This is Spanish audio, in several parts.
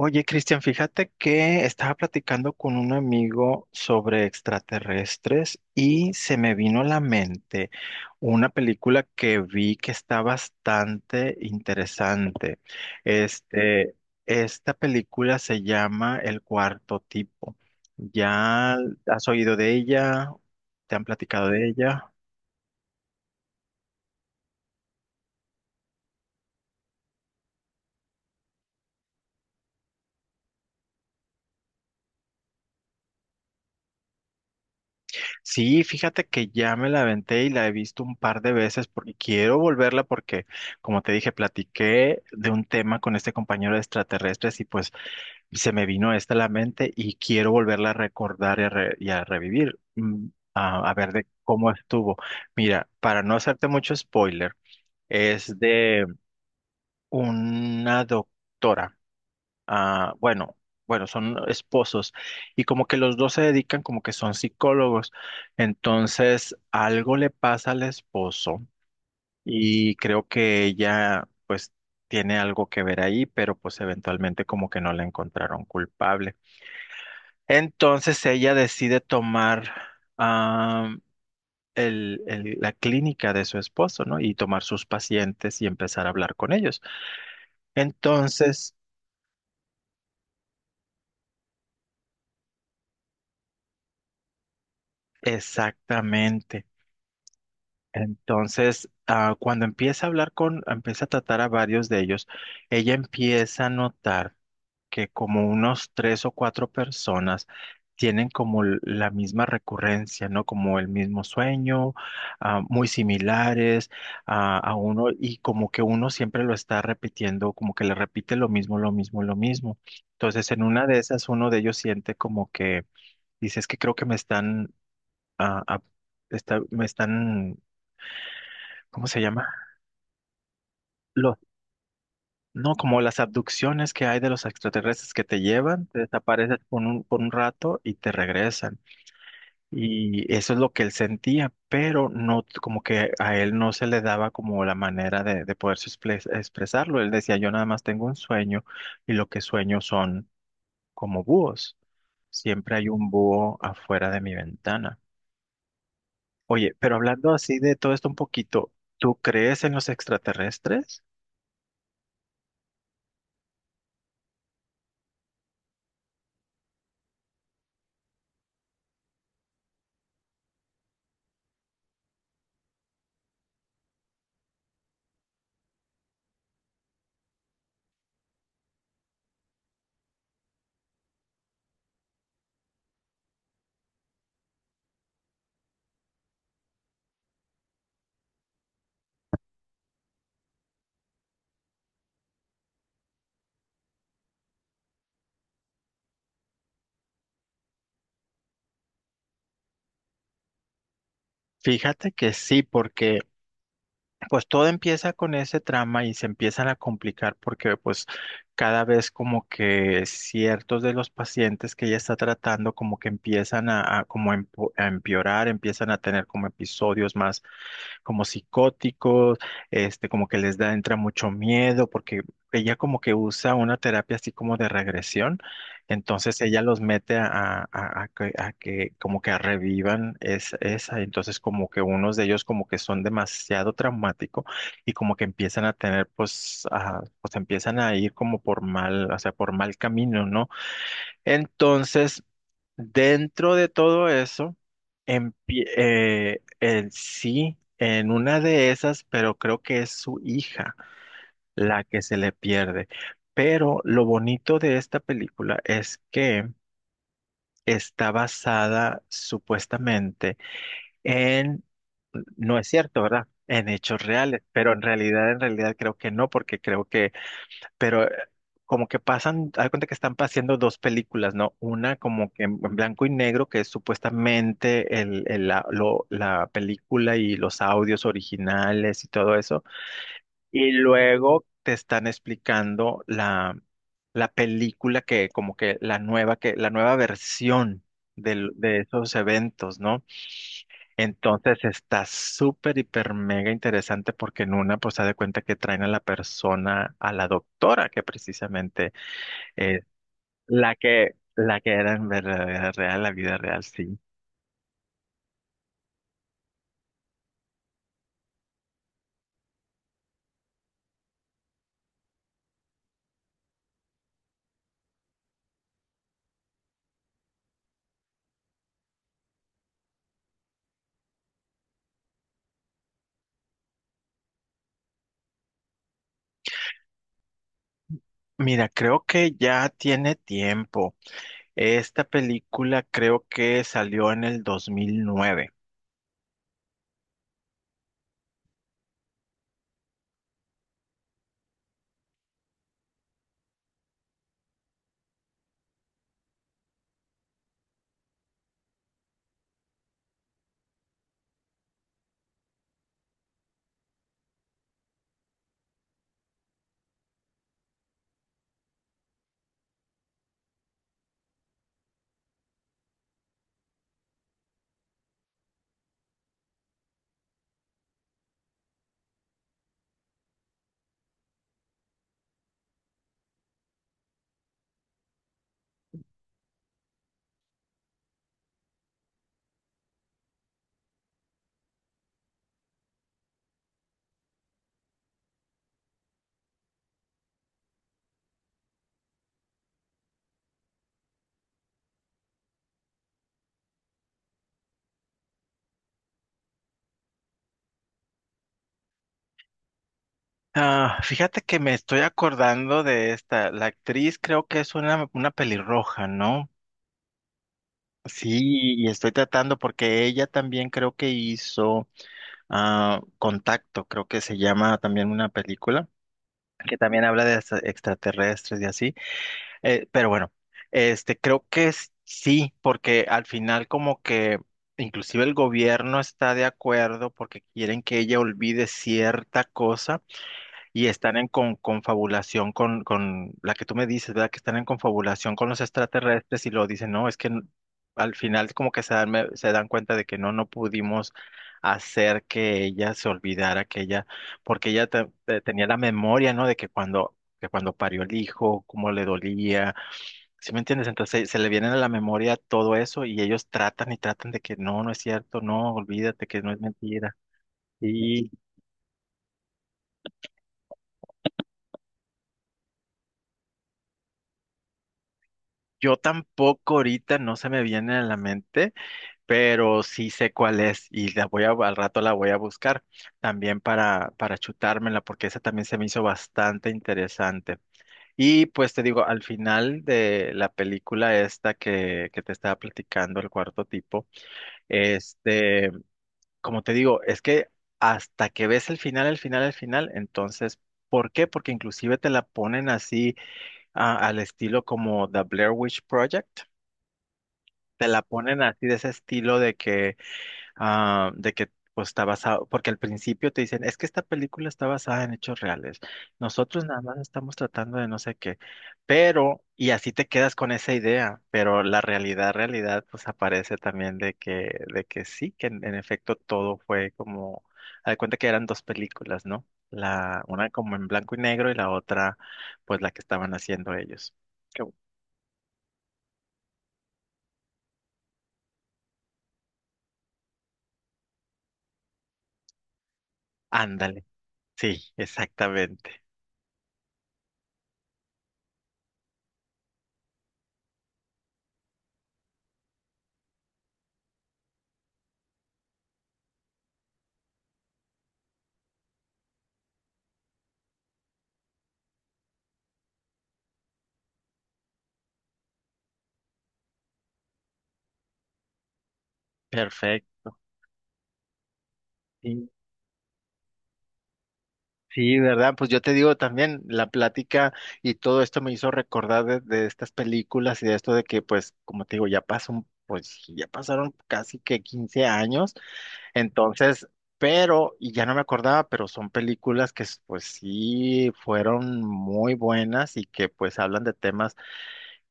Oye, Cristian, fíjate que estaba platicando con un amigo sobre extraterrestres y se me vino a la mente una película que vi que está bastante interesante. Este, Esta película se llama El Cuarto Tipo. ¿Ya has oído de ella? ¿Te han platicado de ella? Sí, fíjate que ya me la aventé y la he visto un par de veces porque quiero volverla porque, como te dije, platiqué de un tema con este compañero de extraterrestres y pues se me vino esta a la mente y quiero volverla a recordar y a revivir, a ver de cómo estuvo. Mira, para no hacerte mucho spoiler, es de una doctora, bueno, bueno, son esposos y como que los dos se dedican, como que son psicólogos. Entonces, algo le pasa al esposo y creo que ella pues tiene algo que ver ahí, pero pues eventualmente como que no la encontraron culpable. Entonces, ella decide tomar, ah, la clínica de su esposo, ¿no? Y tomar sus pacientes y empezar a hablar con ellos. Entonces, exactamente. Entonces, cuando empieza a hablar con, empieza a tratar a varios de ellos, ella empieza a notar que como unos tres o cuatro personas tienen como la misma recurrencia, ¿no? Como el mismo sueño, muy similares a uno, y como que uno siempre lo está repitiendo, como que le repite lo mismo, lo mismo, lo mismo. Entonces, en una de esas, uno de ellos siente como que, dice, es que creo que me están, ah, ah, me están, ¿cómo se llama? Los, no, como las abducciones que hay de los extraterrestres, que te llevan, te desapareces por un rato, y te regresan. Y eso es lo que él sentía, pero no, como que a él no se le daba como la manera de poder expresarlo. Él decía, yo nada más tengo un sueño, y lo que sueño son como búhos. Siempre hay un búho afuera de mi ventana. Oye, pero hablando así de todo esto un poquito, ¿tú crees en los extraterrestres? Fíjate que sí, porque pues todo empieza con ese trama y se empiezan a complicar porque pues cada vez como que ciertos de los pacientes que ella está tratando como que empiezan como a empeorar, empiezan a tener como episodios más como psicóticos. Como que les da, entra mucho miedo, porque ella como que usa una terapia así como de regresión. Entonces ella los mete a que como que revivan esa. Entonces como que unos de ellos como que son demasiado traumáticos, y como que empiezan a tener, pues, a pues empiezan a ir como por mal, o sea, por mal camino, ¿no? Entonces, dentro de todo eso, el sí, en una de esas, pero creo que es su hija la que se le pierde. Pero lo bonito de esta película es que está basada, supuestamente, en, no es cierto, ¿verdad? En hechos reales, pero en realidad creo que no, porque creo que, pero como que pasan, haz de cuenta que están pasando dos películas, ¿no? Una como que en blanco y negro, que es supuestamente la película y los audios originales y todo eso, y luego te están explicando la película, que como que, la nueva versión del- de esos eventos, ¿no? Entonces está súper, hiper, mega interesante, porque en una, pues, se da cuenta que traen a la persona, a la doctora que precisamente, eh, la que era en verdadera real, la vida real, sí. Mira, creo que ya tiene tiempo. Esta película creo que salió en el 2009. Ah, fíjate que me estoy acordando de esta. La actriz creo que es una pelirroja, ¿no? Sí, y estoy tratando, porque ella también creo que hizo, Contacto, creo que se llama, también una película que también habla de extraterrestres y así. Pero bueno, este creo que sí, porque al final como que inclusive el gobierno está de acuerdo, porque quieren que ella olvide cierta cosa, y están en confabulación con la que tú me dices, ¿verdad? Que están en confabulación con los extraterrestres, y lo dicen, no, es que al final como que se dan, se dan cuenta de que no, no pudimos hacer que ella se olvidara, que ella, porque ella tenía la memoria, ¿no? De que cuando parió el hijo, cómo le dolía. ¿Sí me entiendes? Entonces se le viene a la memoria todo eso, y ellos tratan y tratan de que no, no es cierto, no, olvídate, que no es mentira. Y yo tampoco, ahorita no se me viene a la mente, pero sí sé cuál es, y la voy a, al rato la voy a buscar también para chutármela, porque esa también se me hizo bastante interesante. Y pues te digo, al final de la película esta que te estaba platicando, el cuarto tipo, este... Como te digo, es que hasta que ves el final, el final, el final, entonces, ¿por qué? Porque inclusive te la ponen así, al estilo como The Blair Witch Project. Te la ponen así, de ese estilo, de que, de que pues, está basado, porque al principio te dicen, es que esta película está basada en hechos reales, nosotros nada más estamos tratando de no sé qué, pero, y así te quedas con esa idea, pero la realidad, realidad, pues aparece también de que sí, que en efecto todo fue como, haz de cuenta que eran dos películas, ¿no? Una como en blanco y negro, y la otra, pues la que estaban haciendo ellos. Qué bu- ándale, sí, exactamente. Perfecto. Sí, ¿verdad? Pues yo te digo también, la plática y todo esto me hizo recordar de estas películas y de esto de que, pues, como te digo, ya pasó, pues, ya pasaron casi que 15 años, entonces, pero, y ya no me acordaba, pero son películas que, pues, sí, fueron muy buenas, y que, pues, hablan de temas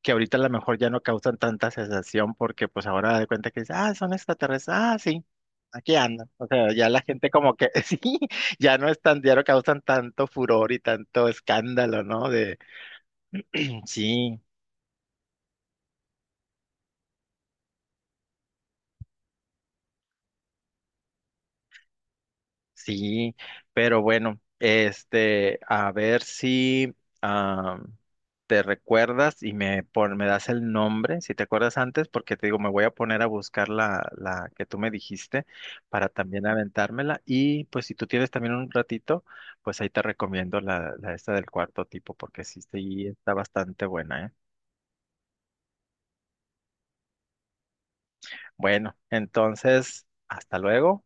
que ahorita a lo mejor ya no causan tanta sensación, porque pues ahora da de cuenta que dices, ah, son extraterrestres, ah, sí, aquí andan. O sea, ya la gente como que sí, ya no es tan, ya no causan tanto furor y tanto escándalo, ¿no? De sí. Sí, pero bueno, este, a ver si ah, te recuerdas y me, me das el nombre, si te acuerdas antes, porque te digo, me voy a poner a buscar la, la que tú me dijiste, para también aventármela. Y pues si tú tienes también un ratito, pues ahí te recomiendo la, la esta del cuarto tipo, porque sí, sí está bastante buena, ¿eh? Bueno, entonces, hasta luego.